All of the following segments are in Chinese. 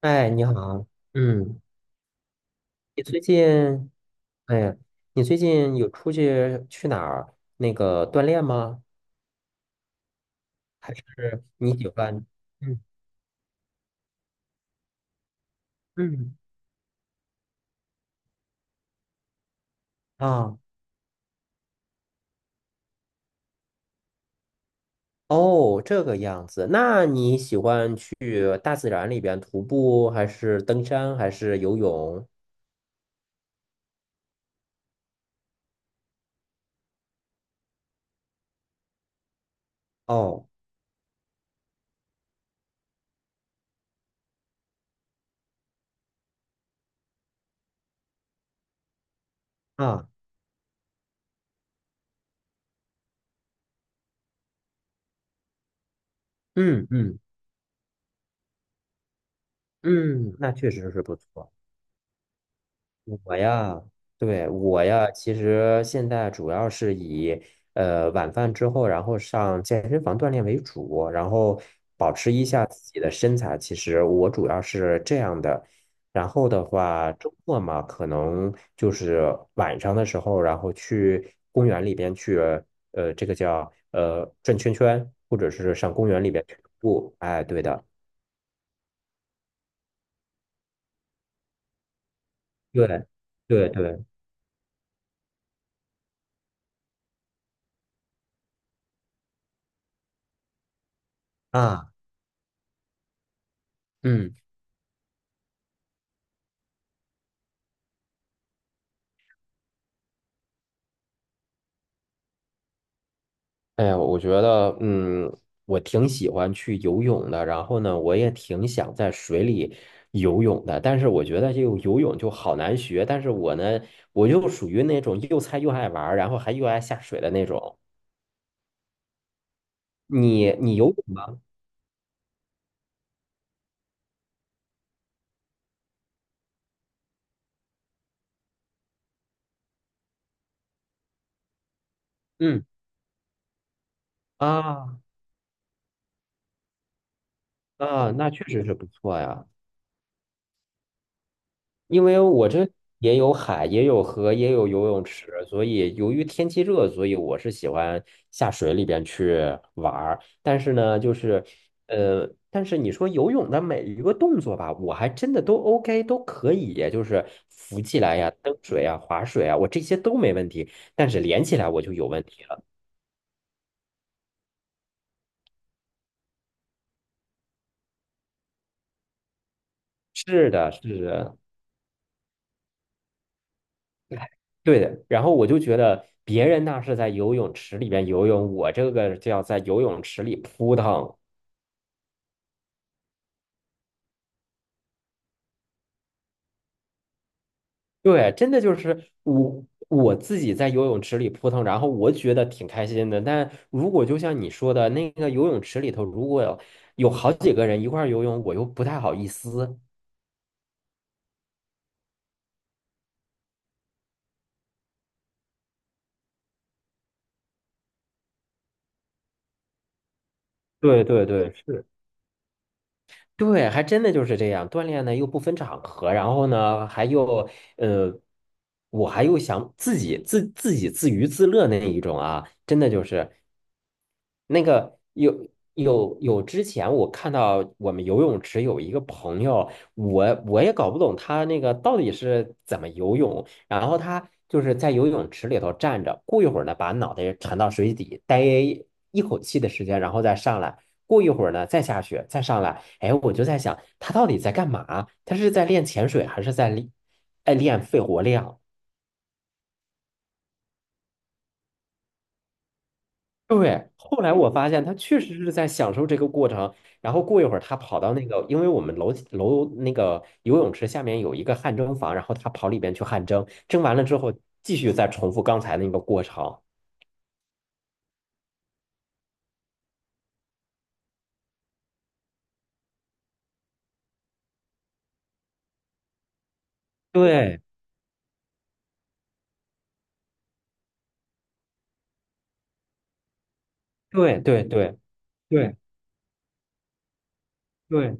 哎，你好，嗯，你最近，哎呀，你最近有出去去哪儿那个锻炼吗？还是你喜欢？嗯嗯，啊，哦，这个样子。那你喜欢去大自然里边徒步，还是登山，还是游泳？哦，啊，嗯嗯嗯，那确实是不错。我呀，对，我呀，其实现在主要是以晚饭之后，然后上健身房锻炼为主，然后保持一下自己的身材。其实我主要是这样的。然后的话，周末嘛，可能就是晚上的时候，然后去公园里边去，这个叫转圈圈，或者是上公园里边去徒步。哎，对的，对，对对，啊，嗯。哎呀，我觉得，嗯，我挺喜欢去游泳的，然后呢，我也挺想在水里游泳的，但是我觉得这个游泳就好难学，但是我呢，我就属于那种又菜又爱玩儿，然后还又爱下水的那种。你游泳吗？嗯，啊，啊，那确实是不错呀。因为我这也有海，也有河，也有游泳池，所以由于天气热，所以我是喜欢下水里边去玩儿。但是呢，就是但是你说游泳的每一个动作吧，我还真的都 OK，都可以，就是浮起来呀、蹬水呀、划水啊，我这些都没问题。但是连起来我就有问题了。是的，是的。哎，对的，然后我就觉得别人那是在游泳池里边游泳，我这个就要在游泳池里扑腾。对，真的就是我自己在游泳池里扑腾，然后我觉得挺开心的。但如果就像你说的那个游泳池里头，如果有好几个人一块儿游泳，我又不太好意思。对对对，是。对，还真的就是这样，锻炼呢又不分场合，然后呢还又呃，我还又想自己自娱自乐那一种啊，真的就是。那个有，之前我看到我们游泳池有一个朋友，我也搞不懂他那个到底是怎么游泳，然后他就是在游泳池里头站着，过一会儿呢，把脑袋沉到水底，待一口气的时间，然后再上来，过一会儿呢，再下去，再上来。哎，我就在想，他到底在干嘛？他是在练潜水，还是在练，哎，练肺活量？对，后来我发现他确实是在享受这个过程，然后过一会儿他跑到那个，因为我们楼那个游泳池下面有一个汗蒸房，然后他跑里边去汗蒸，蒸完了之后继续再重复刚才那个过程。对，对，对，对，对，对，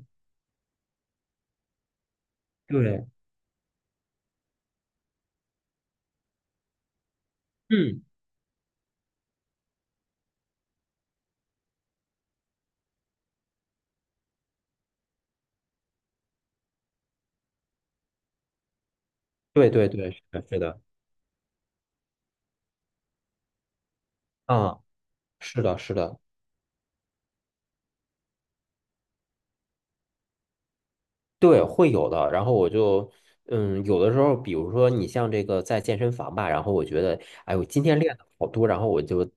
对，嗯，对，对，对，是的，是的，啊，是的，是的。对，会有的。然后我就，嗯，有的时候，比如说你像这个在健身房吧，然后我觉得，哎呦，今天练的好多，然后我就，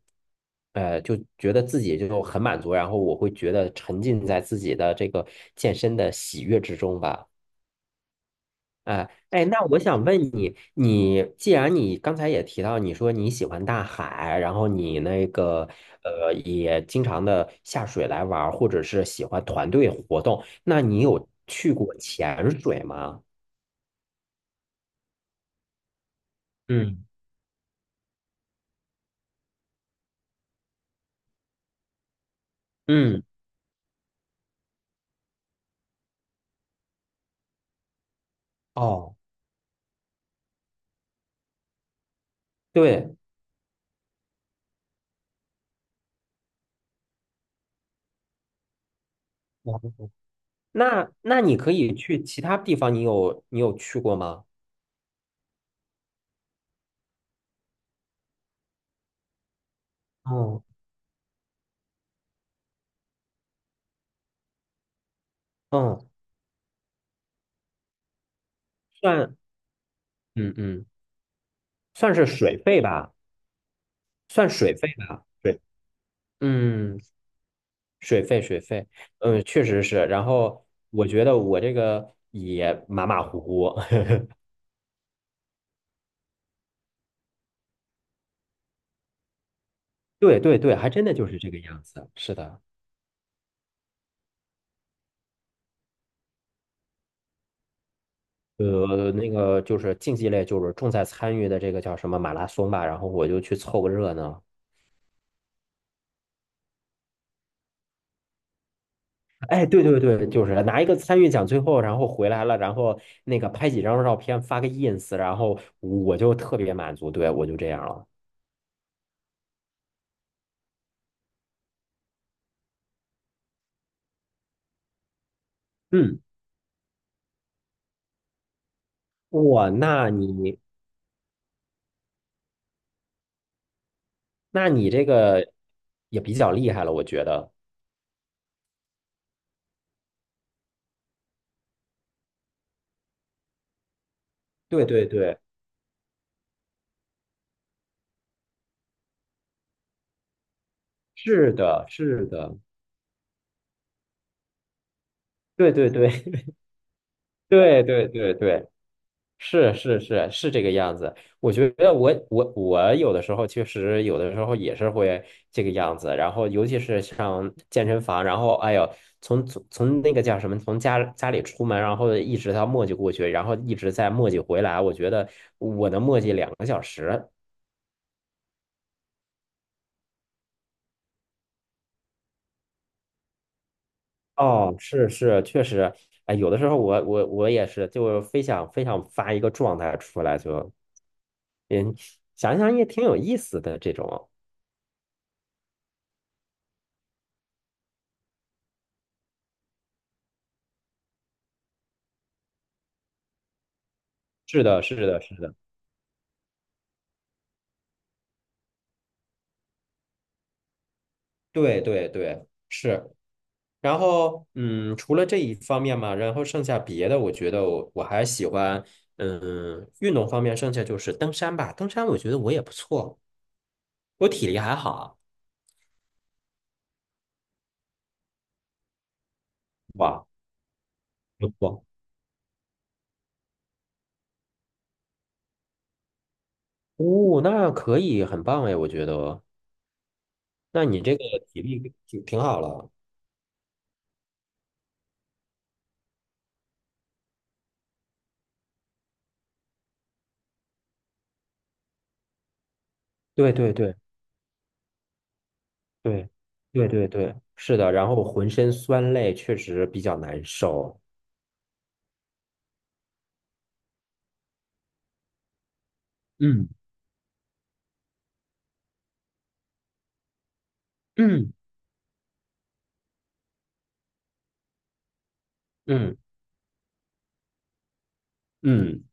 就觉得自己就很满足，然后我会觉得沉浸在自己的这个健身的喜悦之中吧。哎哎，那我想问你，你既然你刚才也提到，你说你喜欢大海，然后你那个也经常的下水来玩儿，或者是喜欢团队活动，那你有去过潜水吗？嗯，嗯，哦，对，我那你可以去其他地方，你有去过吗？哦，嗯，算，嗯嗯，算是水费吧，算水费吧。对，嗯，水费水费，嗯，确实是。然后我觉得我这个也马马虎虎，对对对，还真的就是这个样子。是的，那个就是竞技类，就是重在参与的这个叫什么马拉松吧，然后我就去凑个热闹。哎，对对对，就是拿一个参与奖，最后然后回来了，然后那个拍几张照片发个 ins，然后我就特别满足，对，我就这样了。嗯，哇，那你这个也比较厉害了，我觉得。对对对，是的，是的，对对对 对对对对。是是是是这个样子，我觉得我有的时候确实有的时候也是会这个样子，然后尤其是像健身房，然后哎呦，从那个叫什么，从家里出门，然后一直到磨叽过去，然后一直在磨叽回来，我觉得我能磨叽2个小时。哦，是是，确实，哎，有的时候我也是，就非想非想发一个状态出来就，嗯，想想也挺有意思的这种。是的，是的，是的。对对对，是。然后，嗯，除了这一方面嘛，然后剩下别的，我觉得我还喜欢，嗯，运动方面，剩下就是登山吧。登山我觉得我也不错，我体力还好。哇，不错。哦，那可以，很棒哎，我觉得。那你这个体力挺好了。对对对对对对对，是的。然后浑身酸累，确实比较难受。嗯嗯嗯嗯，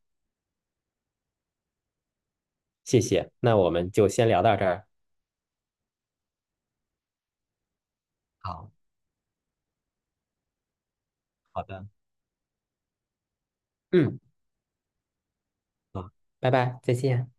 谢谢。那我们就先聊到这儿。好，好的，嗯，好拜拜，再见。